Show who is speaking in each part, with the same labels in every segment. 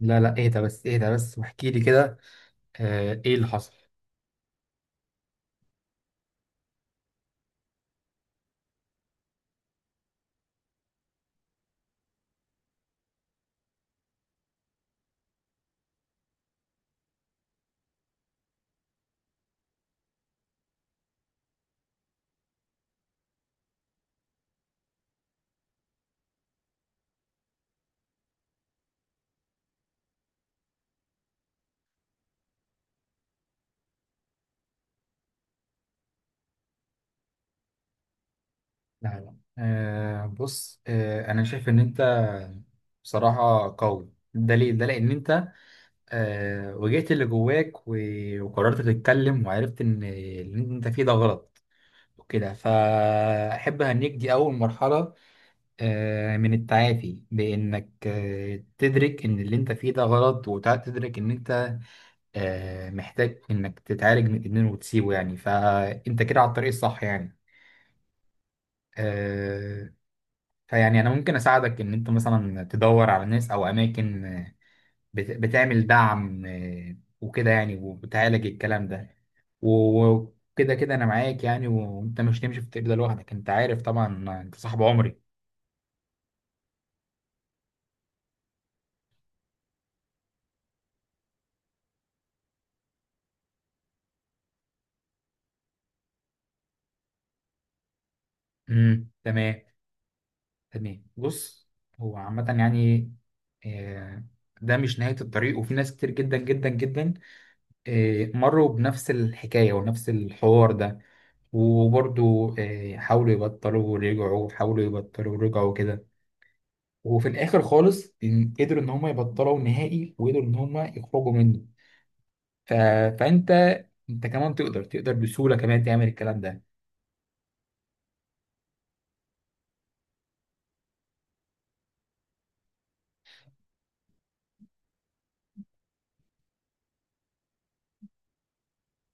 Speaker 1: لا لا، اهدى بس اهدى بس واحكي لي كده. ايه اللي حصل؟ لا لا. بص، انا شايف ان انت بصراحة قوي. ده ليه؟ ده لان انت واجهت اللي جواك وقررت تتكلم، وعرفت ان اللي انت فيه ده غلط وكده، فاحب اهنيك. دي اول مرحلة من التعافي، بانك تدرك ان اللي انت فيه ده غلط، وتدرك ان انت محتاج انك تتعالج من الادمان وتسيبه يعني، فانت كده على الطريق الصح يعني. آه، فيعني انا ممكن اساعدك ان انت مثلا تدور على ناس او اماكن بتعمل دعم وكده يعني، وبتعالج الكلام ده. وكده كده انا معاك يعني، وانت مش هتمشي في الطريق ده لوحدك، انت عارف طبعا، انت صاحب عمري. تمام. تمام، بص، هو عامة يعني آه، ده مش نهاية الطريق، وفي ناس كتير جدا جدا جدا مروا بنفس الحكاية ونفس الحوار ده، وبرضو حاولوا يبطلوا ورجعوا، حاولوا يبطلوا ورجعوا كده، وفي الآخر خالص قدروا إن هم يبطلوا نهائي، وقدروا إن هم يخرجوا منه. ف... فأنت كمان تقدر بسهولة كمان تعمل الكلام ده.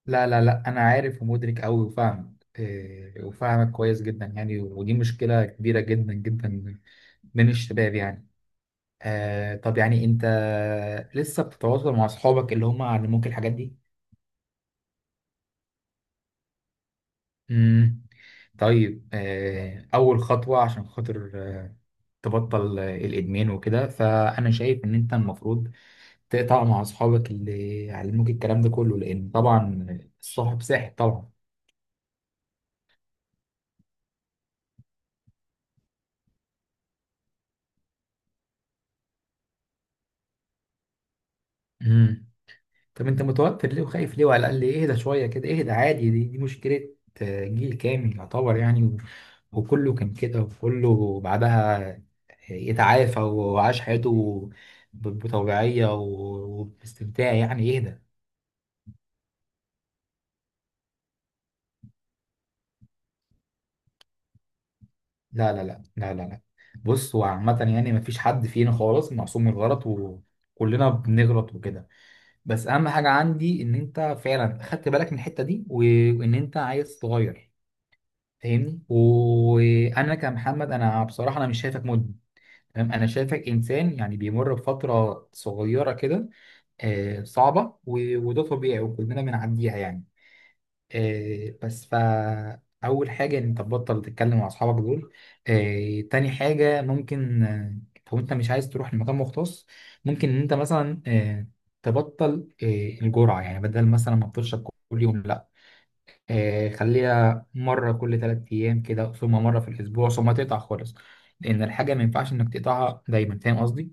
Speaker 1: لا لا لا، أنا عارف ومدرك أوي وفاهمك. وفاهمك كويس جدا يعني، ودي مشكلة كبيرة جدا جدا من الشباب يعني. طب يعني انت لسه بتتواصل مع اصحابك اللي هم علموك الحاجات دي؟ امم طيب، اول خطوة عشان خاطر تبطل الادمان وكده، فانا شايف ان انت المفروض تقطع مع اصحابك اللي علموك الكلام ده كله، لان طبعا الصاحب ساحب طبعا. امم طب انت متوتر ليه وخايف ليه؟ وعلى الاقل اهدى شويه كده، اهدى عادي، دي مشكله جيل كامل يعتبر يعني، وكله كان كده، وكله بعدها يتعافى وعاش حياته بطوعيه وباستمتاع يعني. اهدى. لا لا لا لا لا لا، بص هو عامه يعني مفيش حد فينا خالص معصوم من الغلط، وكلنا بنغلط وكده. بس اهم حاجه عندي ان انت فعلا خدت بالك من الحته دي، وان انت عايز تغير، فاهمني. وانا كمحمد، انا بصراحه انا مش شايفك مدمن، فاهم؟ انا شايفك انسان يعني بيمر بفتره صغيره كده صعبه، وده طبيعي، وكلنا بنعديها يعني. بس اول حاجه ان انت تبطل تتكلم مع اصحابك دول. تاني حاجه ممكن لو انت مش عايز تروح لمكان مختص، ممكن ان انت مثلا تبطل الجرعه، يعني بدل مثلا ما تشرب كل يوم لا، خليها مرة كل 3 أيام كده، ثم مرة في الأسبوع، ثم تقطع خالص. لأن الحاجة ما ينفعش إنك تقطعها دايما، فاهم قصدي؟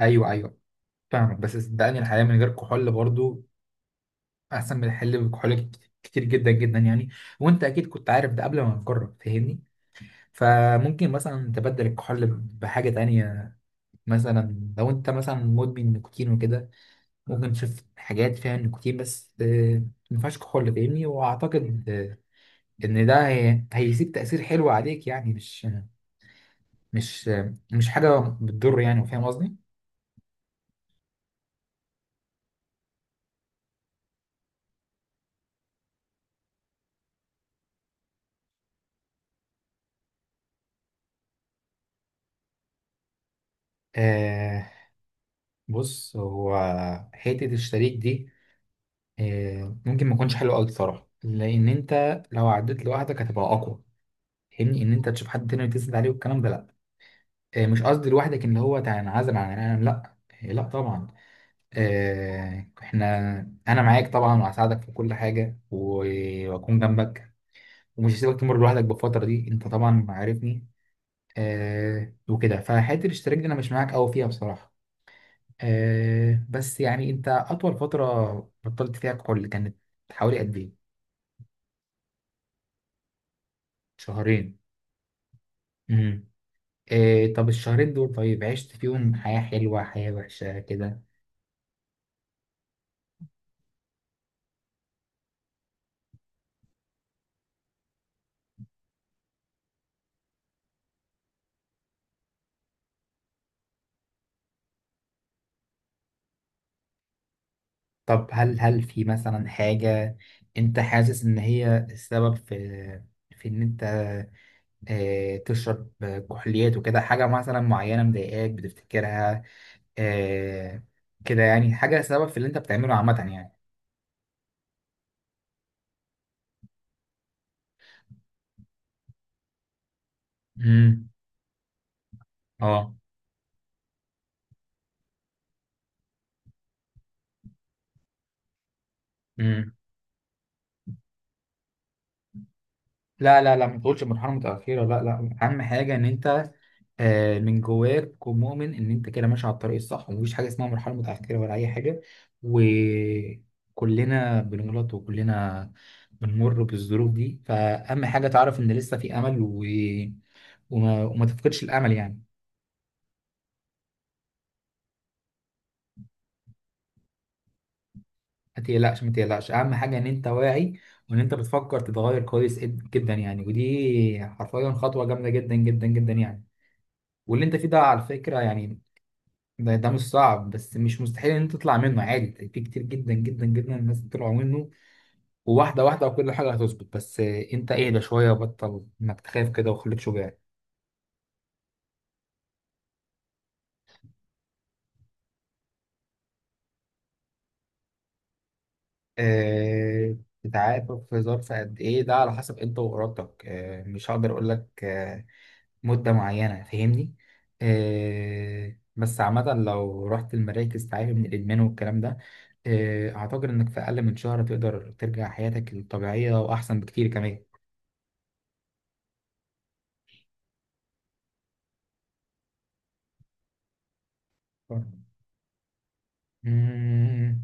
Speaker 1: أيوه أيوه، فاهمك، بس صدقني الحياة من غير كحول برضو أحسن من الحل بكحول كتير جدا جدا يعني. وأنت أكيد كنت عارف ده قبل ما نجرب، فاهمني؟ فممكن مثلا تبدل الكحول بحاجة تانية، مثلا لو أنت مثلا مدمن نيكوتين وكده، ممكن تشوف حاجات فيها نيكوتين، بس ما ينفعش كحول، فاهمني؟ وأعتقد ان ده هيسيب تأثير حلو عليك يعني، مش مش حاجة بتضر يعني، فاهم قصدي؟ آه بص، هو حتة الشريك دي ممكن ما يكونش حلو قوي بصراحة، لأن أنت لو عديت لوحدك هتبقى أقوى، فاهمني. إن أنت تشوف حد تاني تسند عليه والكلام ده، لأ. مش قصدي لوحدك إن هو تنعزل عن العالم، لأ. لأ طبعا. إحنا، أنا معاك طبعا، وهساعدك في كل حاجة، وأكون جنبك، ومش هسيبك تمر لوحدك بالفترة دي، أنت طبعا عارفني. وكده، فحته الاشتراك دي انا مش معاك قوي فيها بصراحه. بس يعني انت اطول فتره بطلت فيها كحول كانت حوالي قد ايه؟ شهرين. امم. طب الشهرين دول طيب عشت فيهم حياه حلوه، حياه وحشه كده؟ طب هل في مثلا حاجه انت حاسس ان هي السبب في ان انت تشرب كحوليات وكده؟ حاجه مثلا معينه مضايقاك بتفتكرها آه كده يعني، حاجه سبب في اللي انت بتعمله عامه يعني. امم. اه. امم. لا لا لا، ما تقولش مرحله متاخره. لا لا، اهم حاجه ان انت من جواك تكون مؤمن ان انت كده ماشي على الطريق الصح، ومفيش حاجه اسمها مرحله متاخره ولا اي حاجه، وكلنا بنغلط، وكلنا بنمر بالظروف دي، فاهم؟ حاجه تعرف ان لسه في امل، وما تفقدش الامل يعني. ما تقلقش ما تقلقش، اهم حاجه ان انت واعي، وان انت بتفكر تتغير، كويس جدا يعني، ودي حرفيا خطوه جامده جدا جدا جدا يعني. واللي انت فيه ده على فكرة يعني، ده مش صعب، بس مش مستحيل ان انت تطلع منه عادي، في كتير جدا جدا جدا الناس طلعوا منه. وواحدة واحدة، وكل حاجة هتظبط، بس انت اهدى شوية، وبطل انك تخاف كده، وخليك شجاع. آه، تتعافى في ظرف قد ايه؟ ده على حسب انت وارادتك، مش هقدر اقول لك مدة معينة، فاهمني. بس عامة لو رحت المراكز تعافي من الإدمان والكلام ده، أعتقد إنك في أقل من شهر تقدر ترجع حياتك الطبيعية، وأحسن بكتير كمان. مم،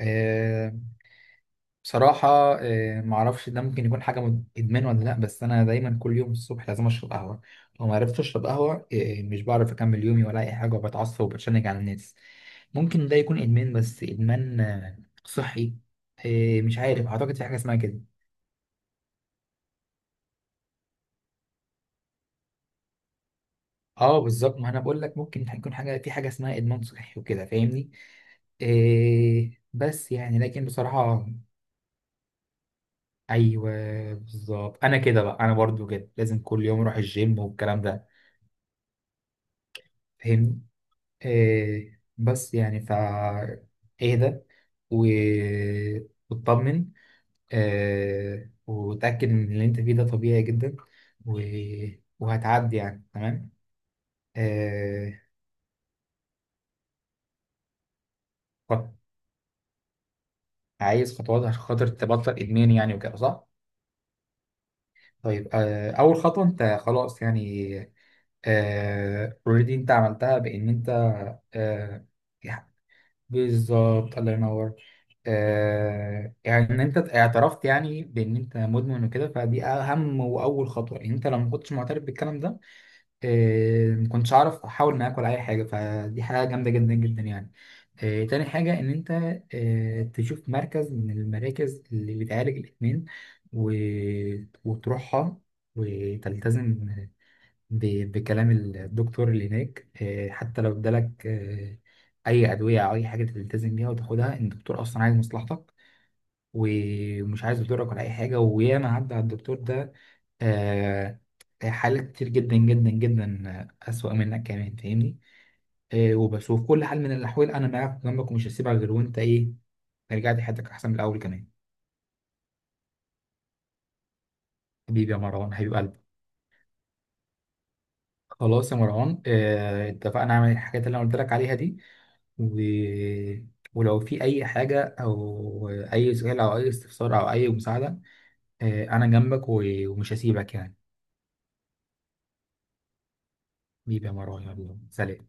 Speaker 1: آه بصراحة، معرفش ده ممكن يكون حاجة إدمان ولا لأ، بس أنا دايما كل يوم الصبح لازم أشرب قهوة. لو معرفتش أشرب قهوة مش بعرف أكمل يومي ولا أي حاجة، وبتعصب وبتشنج على الناس. ممكن ده يكون ادمان، بس ادمان صحي. مش عارف، اعتقد في حاجه اسمها كده. اه، بالظبط، ما انا بقول لك ممكن يكون حاجه، في حاجه اسمها ادمان صحي وكده، فاهمني. بس يعني لكن بصراحه. ايوه، بالظبط، انا كده بقى، انا برضو كده لازم كل يوم اروح الجيم والكلام ده، فاهمني. بس يعني اهدى و- واطمن، وتأكد إن اللي أنت فيه ده طبيعي جدا، و... وهتعدي يعني. تمام. آه خط- عايز خطوات عشان خاطر تبطل إدمان يعني وكده، صح؟ طيب، أول خطوة أنت خلاص يعني أوريدي أنت عملتها، بإن أنت آه يعني، بالظبط، الله ينور. يعني إن أنت اعترفت يعني بإن أنت مدمن وكده، فدي أهم وأول خطوة، إن أنت لو ما كنتش معترف بالكلام ده إيه، ما كنتش اعرف احاول معاك ولا اي حاجه، فدي حاجه جامده جدا جدا يعني. إيه، تاني حاجه ان انت إيه، تشوف مركز من المراكز اللي بتعالج الادمان، و... وتروحها، وتلتزم بكلام الدكتور اللي هناك. إيه، حتى لو ادالك إيه، اي ادويه او اي حاجه، تلتزم بيها وتاخدها، إن الدكتور اصلا عايز مصلحتك، ومش عايز يضرك ولا اي حاجه. وياما عدى على الدكتور ده آه، حالات كتير جدا جدا جدا أسوأ منك كمان، فاهمني. وبشوف كل حال من الأحوال أنا معاك جنبك، ومش هسيبك غير وأنت إيه رجعت حياتك أحسن من الأول كمان. حبيبي يا مروان، حبيب قلبي. خلاص يا مروان، اتفقنا على الحاجات اللي أنا قلت لك عليها دي، و... ولو في أي حاجة أو أي سؤال أو أي استفسار أو أي مساعدة، أنا جنبك، ومش هسيبك يعني. حبيبي يا مروان، يلا سلام.